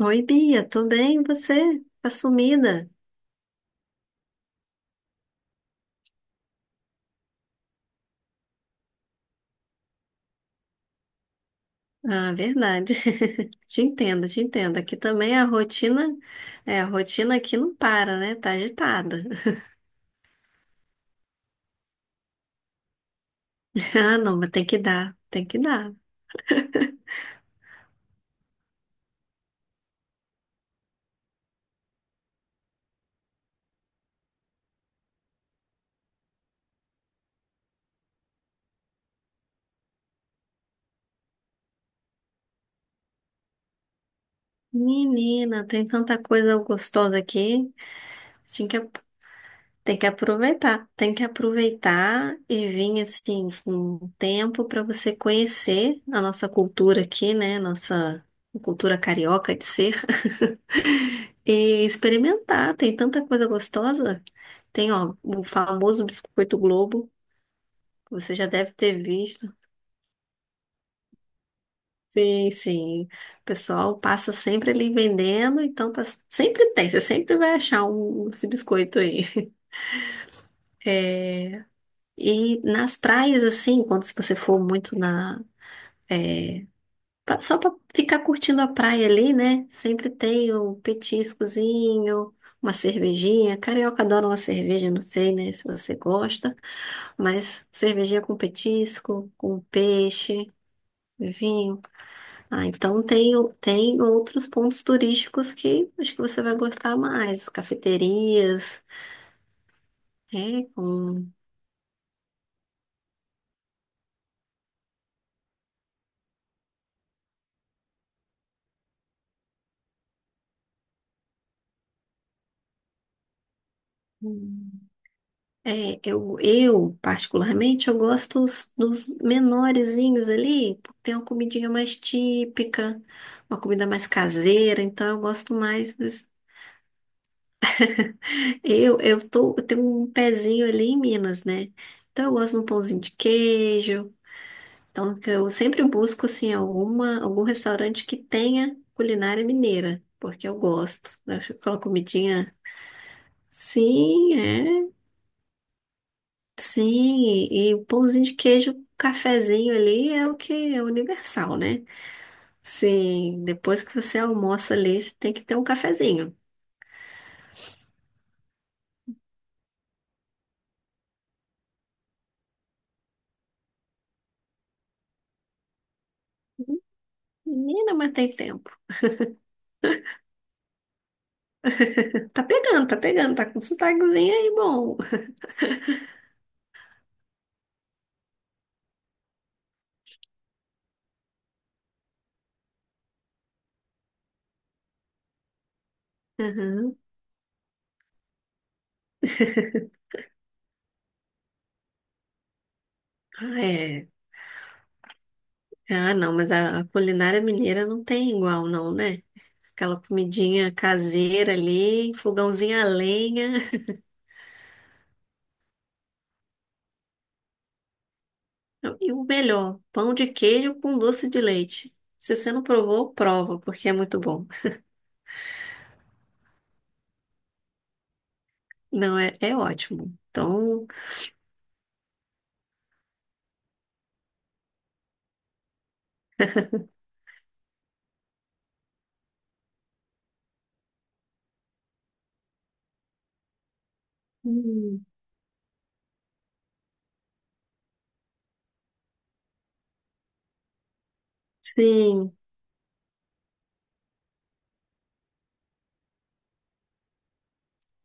Oi, Bia, tô bem, e você? Tá sumida? Ah, verdade. Te entendo. Aqui também a rotina, é, a rotina aqui não para, né? Tá agitada. Ah, não, mas tem que dar. Menina, tem tanta coisa gostosa aqui. Tem que aproveitar e vir assim com um tempo para você conhecer a nossa cultura aqui, né? Nossa cultura carioca de ser e experimentar. Tem tanta coisa gostosa. Tem, ó, o famoso biscoito Globo, que você já deve ter visto. Sim. O pessoal passa sempre ali vendendo, então sempre tem, você sempre vai achar um, esse biscoito aí. E nas praias, assim, quando se você for muito na. é, só pra ficar curtindo a praia ali, né? Sempre tem um petiscozinho, uma cervejinha. Carioca adora uma cerveja, não sei, né, se você gosta. Mas cervejinha com petisco, com peixe, vinho. Ah, então tem, tem outros pontos turísticos que acho que você vai gostar mais. Cafeterias, é, com É, eu, particularmente, eu gosto dos menorezinhos ali, porque tem uma comidinha mais típica, uma comida mais caseira, então eu gosto mais desse. Eu tenho um pezinho ali em Minas, né? Então eu gosto de um pãozinho de queijo. Então que eu sempre busco, assim, algum restaurante que tenha culinária mineira, porque eu gosto. Eu acho que aquela comidinha, sim, é Sim, e o pãozinho de queijo, o cafezinho ali é o que é universal, né? Sim, depois que você almoça ali, você tem que ter um cafezinho. Menina, mas tem tempo. Tá pegando, tá com sotaquezinho aí, bom. Aham. Ah, é. Ah, não, mas a culinária mineira não tem igual, não, né? Aquela comidinha caseira ali, fogãozinho a lenha. E o melhor, pão de queijo com doce de leite. Se você não provou, prova, porque é muito bom. Não, é ótimo. Então, hum, sim,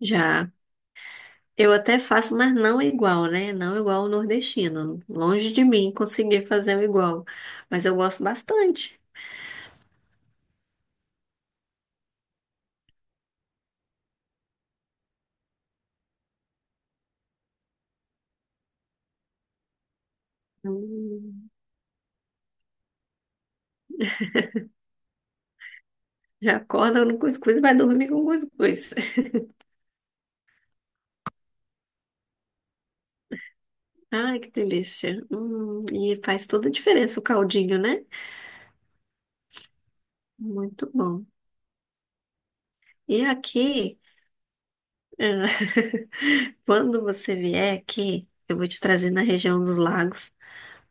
já. Eu até faço, mas não igual, né? Não igual o nordestino. Longe de mim conseguir fazer o igual. Mas eu gosto bastante. Hum, já acorda no cuscuz e vai dormir com cuscuz. Ai, que delícia. E faz toda a diferença o caldinho, né? Muito bom. E aqui, quando você vier aqui, eu vou te trazer na região dos lagos.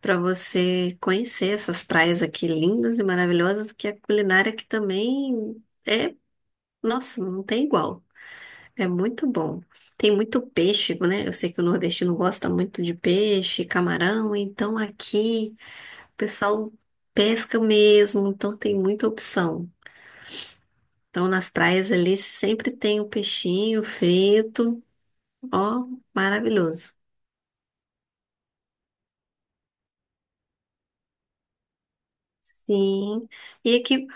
Para você conhecer essas praias aqui lindas e maravilhosas, que a culinária aqui também é, nossa, não tem igual. É muito bom. Tem muito peixe, né? Eu sei que o nordestino gosta muito de peixe, camarão, então aqui o pessoal pesca mesmo, então tem muita opção. Então nas praias ali sempre tem o peixinho frito, ó, maravilhoso. Sim. E aqui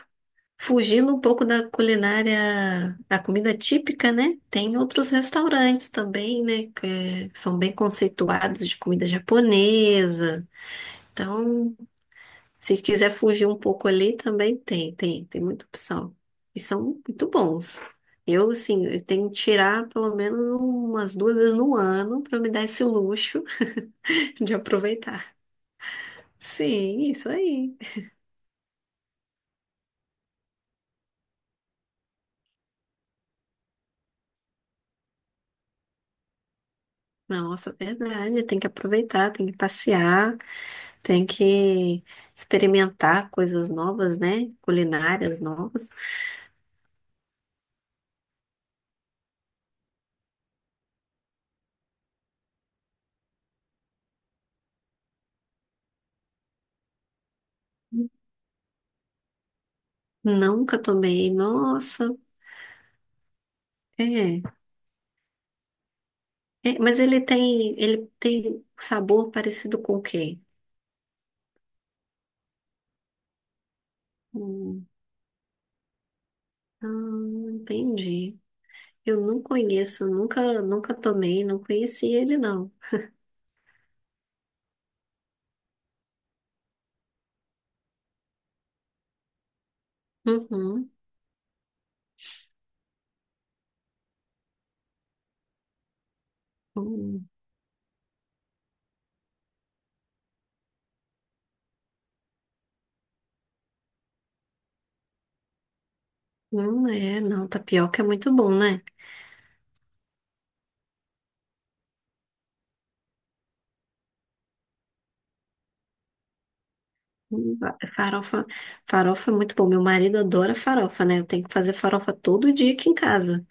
fugindo um pouco da culinária, da comida típica, né? Tem outros restaurantes também, né? Que são bem conceituados de comida japonesa. Então, se quiser fugir um pouco ali, também tem muita opção. E são muito bons. Eu, assim, eu tenho que tirar pelo menos umas duas vezes no ano para me dar esse luxo de aproveitar. Sim, isso aí. Nossa, verdade. Tem que aproveitar, tem que passear. Tem que experimentar coisas novas, né? Culinárias novas. Nunca tomei. Nossa, é. É, mas ele tem sabor parecido com o quê? Hum, ah, entendi. Eu não conheço, nunca tomei, não conheci ele, não. Uhum. Hum, é, não, tapioca é muito bom, né? Hum, Farofa, farofa é muito bom. Meu marido adora farofa, né? Eu tenho que fazer farofa todo dia aqui em casa.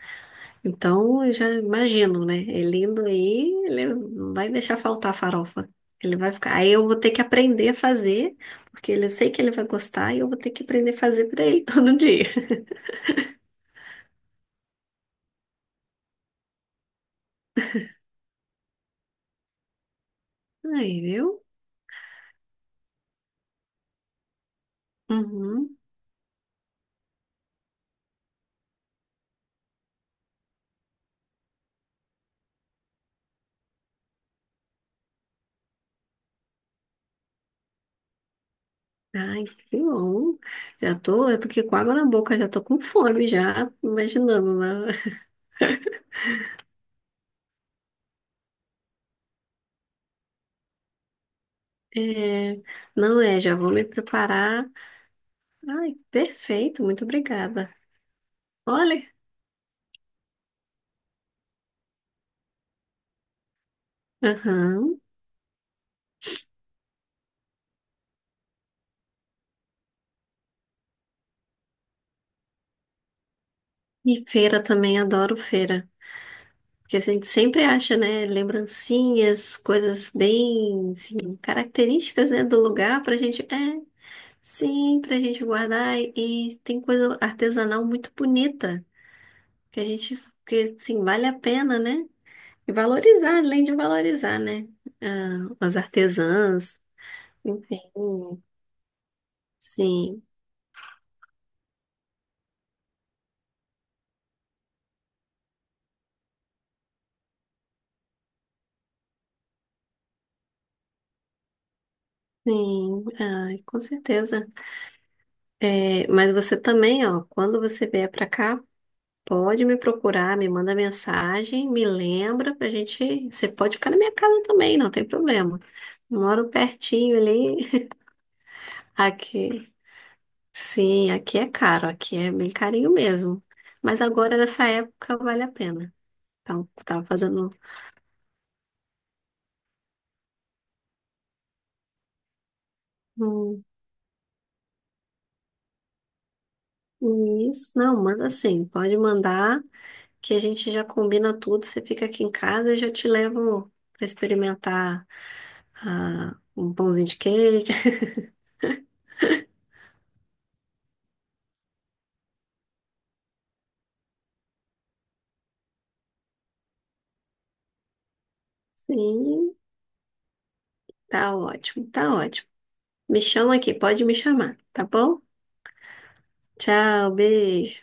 Então, eu já imagino, né? Elindo aí, ele não vai deixar faltar farofa. Ele vai ficar. Aí eu vou ter que aprender a fazer, porque eu sei que ele vai gostar e eu vou ter que aprender a fazer pra ele todo dia. Aí, viu? Uhum. Ai, que bom. Já tô, eu tô aqui com água na boca, já tô com fome, já imaginando, né? É, não é, já vou me preparar. Ai, perfeito, muito obrigada. Olha. Aham. E feira também, adoro feira. Porque a gente sempre acha, né, lembrancinhas, coisas bem, assim, características, né, do lugar pra gente, é, sim, pra gente guardar e, tem coisa artesanal muito bonita que a gente, que, assim, vale a pena, né? E valorizar, além de valorizar, né? Ah, as artesãs, enfim, sim, sim, ai, com certeza. É, mas você também, ó, quando você vier pra cá pode me procurar, me manda mensagem, me lembra pra gente. Você pode ficar na minha casa também, não tem problema. Moro pertinho ali. Aqui, sim, aqui é caro, aqui é bem carinho mesmo. Mas agora nessa época vale a pena. Então, tava fazendo um- um isso. Não, manda sim, pode mandar que a gente já combina tudo. Você fica aqui em casa, eu já te levo pra experimentar ah, um pãozinho de queijo. Sim, tá ótimo. Me chama aqui, pode me chamar, tá bom? Tchau, beijo.